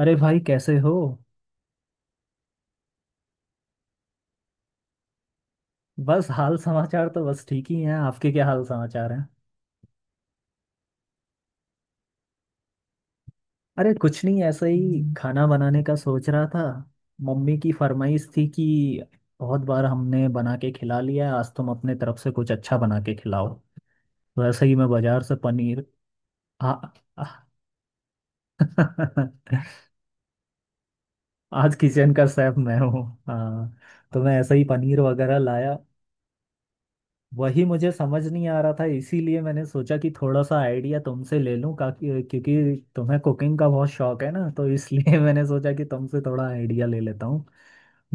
अरे भाई कैसे हो। बस हाल समाचार तो बस ठीक ही हैं। आपके क्या हाल समाचार हैं? अरे कुछ नहीं, ऐसे ही खाना बनाने का सोच रहा था। मम्मी की फरमाइश थी कि बहुत बार हमने बना के खिला लिया है, आज तुम अपने तरफ से कुछ अच्छा बना के खिलाओ। तो ऐसे ही मैं बाजार से पनीर आ, आ, आज किचन का शेफ मैं हूँ, हाँ। तो मैं ऐसे ही पनीर वगैरह लाया। वही मुझे समझ नहीं आ रहा था, इसीलिए मैंने सोचा कि थोड़ा सा आइडिया तुमसे ले लूं काकि क्योंकि तुम्हें कुकिंग का बहुत शौक है ना, तो इसलिए मैंने सोचा कि तुमसे थोड़ा आइडिया ले लेता हूँ।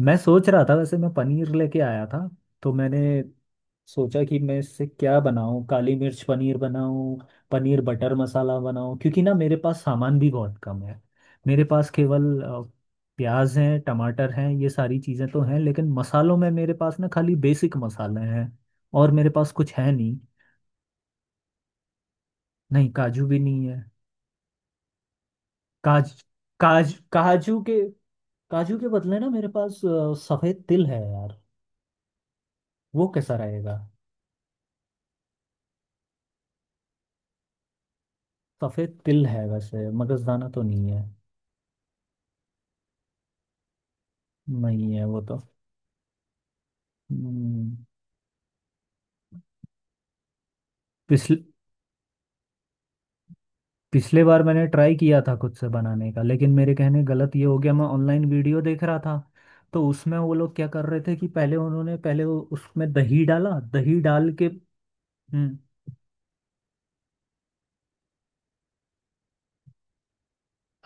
मैं सोच रहा था वैसे मैं पनीर लेके आया था, तो मैंने सोचा कि मैं इससे क्या बनाऊं, काली मिर्च पनीर बनाऊं, पनीर बटर मसाला बनाऊं, क्योंकि ना मेरे पास सामान भी बहुत कम है। मेरे पास केवल प्याज हैं, टमाटर हैं, ये सारी चीज़ें तो हैं, लेकिन मसालों में मेरे पास ना खाली बेसिक मसाले हैं, और मेरे पास कुछ है नहीं। नहीं, काजू भी नहीं है। काज काज काजू के बदले ना मेरे पास सफेद तिल है यार। वो कैसा रहेगा? सफेद तिल है, वैसे मगजदाना तो नहीं है। नहीं है वो तो। हम्म, पिछले पिछले बार मैंने ट्राई किया था खुद से बनाने का, लेकिन मेरे कहने गलत ये हो गया, मैं ऑनलाइन वीडियो देख रहा था, तो उसमें वो लोग क्या कर रहे थे कि पहले उन्होंने पहले वो उसमें दही डाला, दही डाल के। हम्म।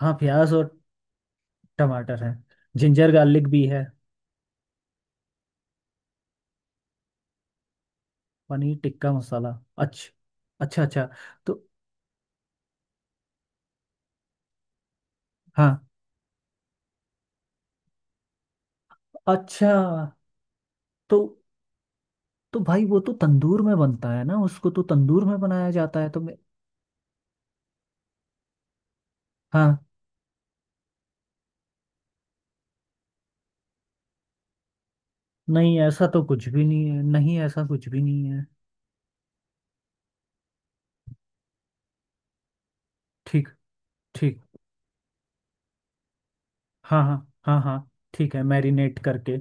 हाँ, प्याज और टमाटर है। जिंजर गार्लिक भी है। पनीर टिक्का मसाला। अच्छा। अच्छा अच्छा। तो हाँ। अच्छा। तो तो भाई वो तो तंदूर में बनता है ना, उसको तो तंदूर में बनाया जाता है, तो मैं हाँ। नहीं, ऐसा तो कुछ भी नहीं है, नहीं ऐसा कुछ भी नहीं है। ठीक। ठीक। हाँ हाँ। हाँ हाँ ठीक है, मैरिनेट करके।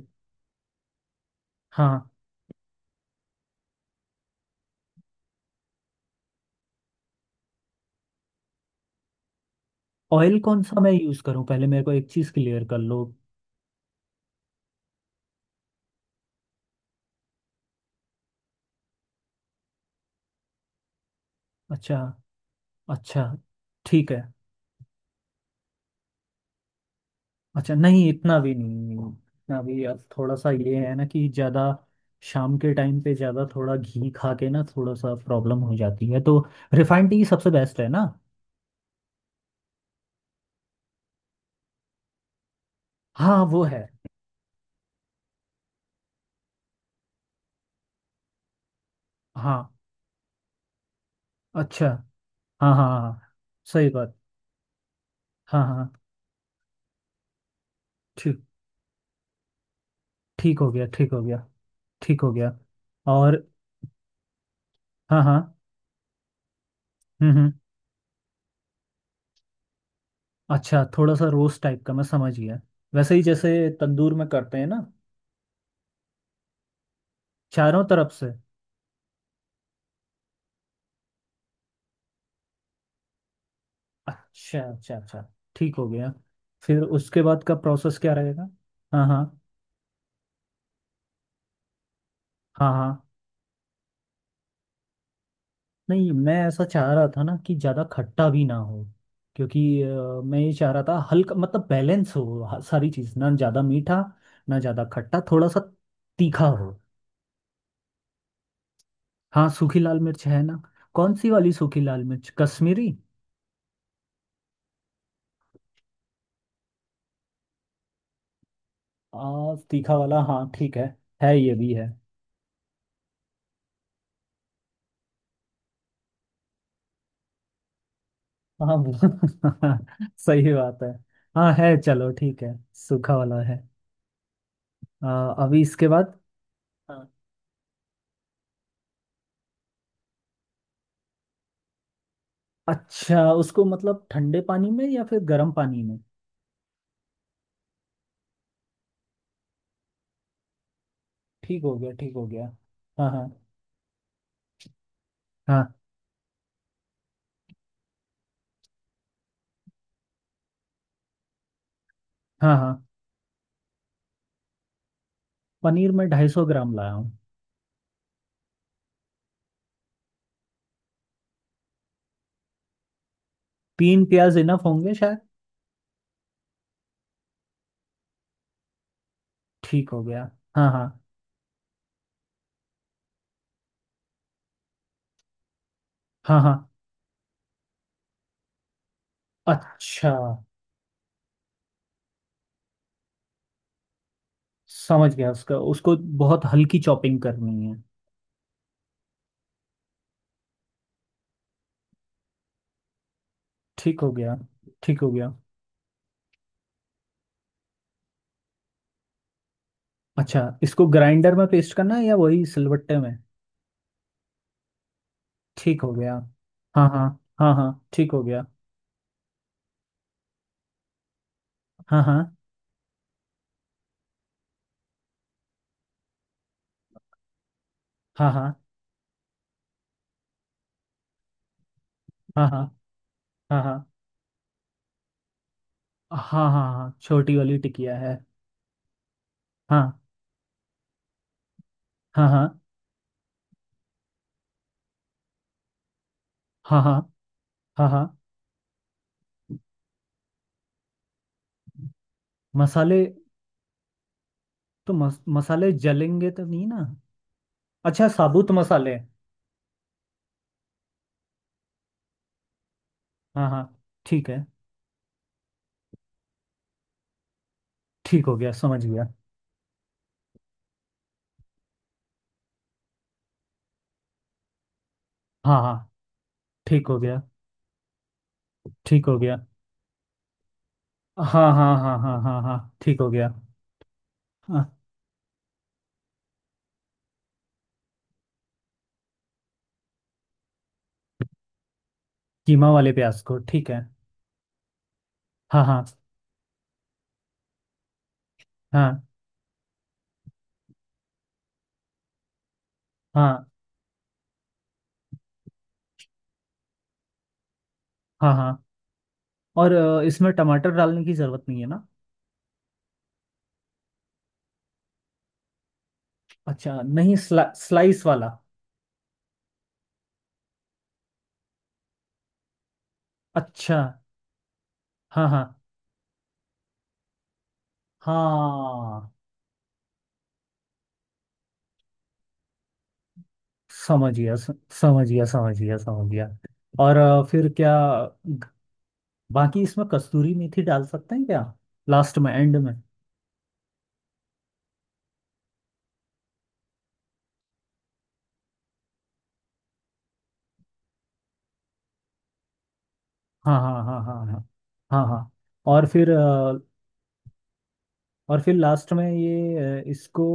हाँ। ऑयल कौन सा मैं यूज़ करूँ? पहले मेरे को एक चीज़ क्लियर कर लो। अच्छा। अच्छा। ठीक है। अच्छा, नहीं इतना भी नहीं, इतना भी अब थोड़ा सा ये है ना कि ज़्यादा शाम के टाइम पे ज़्यादा थोड़ा घी खा के ना थोड़ा सा प्रॉब्लम हो जाती है, तो रिफाइंड टी सबसे बेस्ट है ना। हाँ वो है। हाँ। अच्छा। हाँ हाँ हाँ सही बात। हाँ हाँ। ठीक। ठीक हो गया, ठीक हो गया। ठीक हो गया और। हाँ हाँ। हम्म। अच्छा, थोड़ा सा रोस्ट टाइप का, मैं समझ गया। वैसे ही जैसे तंदूर में करते हैं ना, चारों तरफ से। अच्छा अच्छा अच्छा। ठीक हो गया। फिर उसके बाद का प्रोसेस क्या रहेगा? हाँ हाँ। हाँ हाँ। नहीं, मैं ऐसा चाह रहा था ना कि ज़्यादा खट्टा भी ना हो, क्योंकि मैं ये चाह रहा था हल्का, मतलब बैलेंस हो सारी चीज़, ना ज़्यादा मीठा ना ज़्यादा खट्टा, थोड़ा सा तीखा हो। हाँ, सूखी लाल मिर्च है ना। कौन सी वाली सूखी लाल मिर्च, कश्मीरी? तीखा वाला, हाँ ठीक है। है, ये भी है। हाँ सही बात है। हाँ है, चलो ठीक है। सूखा वाला है। अभी इसके बाद। हाँ। अच्छा, उसको मतलब ठंडे पानी में या फिर गर्म पानी में? ठीक हो गया, ठीक हो गया। हाँ हाँ। हाँ हाँ हाँ। पनीर में 250 ग्राम लाया हूँ। तीन प्याज इनफ होंगे शायद। ठीक हो गया। हाँ हाँ। हाँ हाँ। अच्छा। समझ गया, उसका उसको बहुत हल्की चॉपिंग करनी है। ठीक हो गया। ठीक हो गया। अच्छा, इसको ग्राइंडर में पेस्ट करना है या वही सिलबट्टे में? ठीक हो गया। हाँ हाँ। हाँ हाँ ठीक हो गया। हाँ हाँ हाँ हाँ। हाँ हाँ हाँ हाँ हाँ हाँ हाँ छोटी वाली टिकिया है। हाँ हाँ हाँ। हाँ हाँ हाँ हाँ। मसाले। तो मसाले जलेंगे तो नहीं ना? अच्छा, साबुत मसाले। हाँ हाँ ठीक है। ठीक हो गया, समझ गया। हाँ हाँ ठीक हो गया। ठीक हो गया। हाँ हाँ हाँ हाँ हाँ हाँ हाँ, ठीक हो गया। हाँ। कीमा वाले प्याज को, ठीक है। हाँ हाँ। हाँ हाँ हाँ हाँ। और इसमें टमाटर डालने की ज़रूरत नहीं है ना? अच्छा, नहीं स्लाइस वाला। अच्छा। हाँ हाँ हाँ। समझ गया समझ गया, समझ गया, समझ गया। और फिर क्या? बाकी इसमें कस्तूरी मेथी डाल सकते हैं क्या, लास्ट में, एंड में? हाँ हाँ हाँ हाँ हाँ हाँ हाँ। और फिर और फिर लास्ट में ये इसको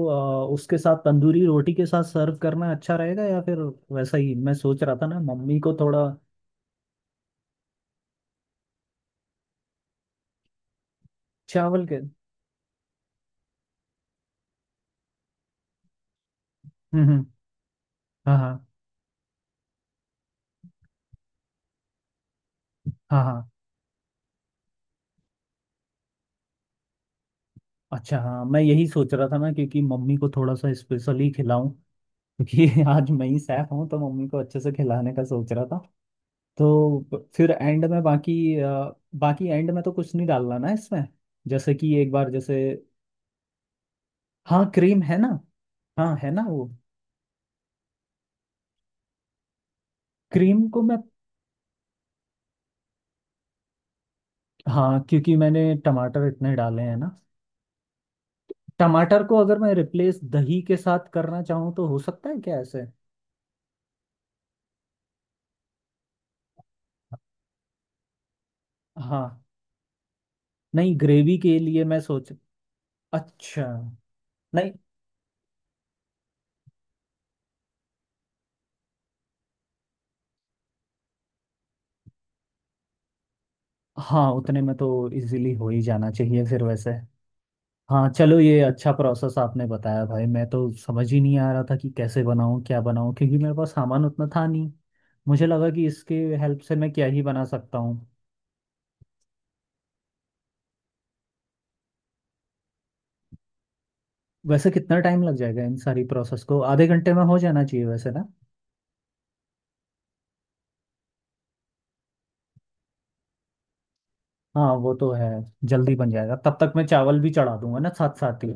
उसके साथ तंदूरी रोटी के साथ सर्व करना अच्छा रहेगा या फिर? वैसा ही मैं सोच रहा था ना, मम्मी को थोड़ा। चावल के। हम्म। हाँ हाँ। हाँ हाँ। अच्छा, हाँ मैं यही सोच रहा था ना क्योंकि मम्मी को थोड़ा सा स्पेशली खिलाऊं, क्योंकि आज मैं ही सैफ हूँ, तो मम्मी को अच्छे से खिलाने का सोच रहा था। तो फिर एंड में बाकी बाकी एंड में तो कुछ नहीं डालना ना इसमें, जैसे कि एक बार जैसे। हाँ क्रीम है ना। हाँ है ना वो। क्रीम को मैं। हाँ क्योंकि मैंने टमाटर इतने डाले हैं ना। टमाटर को अगर मैं रिप्लेस दही के साथ करना चाहूँ तो हो सकता है क्या ऐसे? हाँ, नहीं ग्रेवी के लिए मैं सोच। अच्छा नहीं। हाँ उतने में तो इजीली हो ही जाना चाहिए फिर वैसे। हाँ, चलो ये अच्छा प्रोसेस आपने बताया भाई, मैं तो समझ ही नहीं आ रहा था कि कैसे बनाऊँ क्या बनाऊँ क्योंकि मेरे पास सामान उतना था नहीं। मुझे लगा कि इसके हेल्प से मैं क्या ही बना सकता हूँ। वैसे कितना टाइम लग जाएगा इन सारी प्रोसेस को? आधे घंटे में हो जाना चाहिए वैसे ना। हाँ वो तो है। जल्दी बन जाएगा, तब तक मैं चावल भी चढ़ा दूंगा ना साथ साथ ही।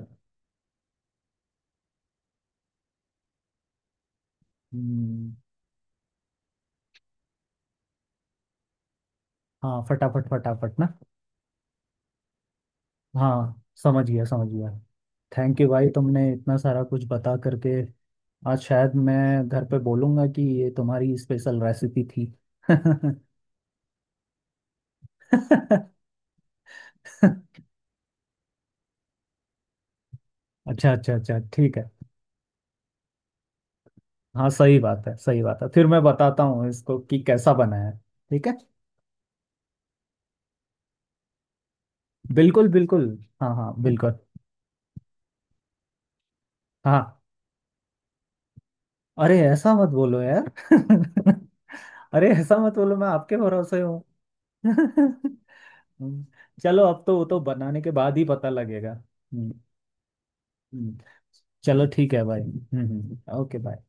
हम्म। हाँ, फटाफट फटाफट ना। हाँ समझ गया, समझ गया। थैंक यू भाई, तुमने इतना सारा कुछ बता करके। आज शायद मैं घर पे बोलूँगा कि ये तुम्हारी स्पेशल रेसिपी थी। अच्छा अच्छा अच्छा, ठीक है। हाँ सही बात है, सही बात है, फिर मैं बताता हूँ इसको कि कैसा बना है। ठीक है। बिल्कुल बिल्कुल। हाँ हाँ बिल्कुल। हाँ। अरे ऐसा मत बोलो यार। अरे ऐसा मत बोलो, मैं आपके भरोसे हूँ। चलो, अब तो वो तो बनाने के बाद ही पता लगेगा। हम्म। हम्म। चलो ठीक है भाई, हम्म, ओके बाय।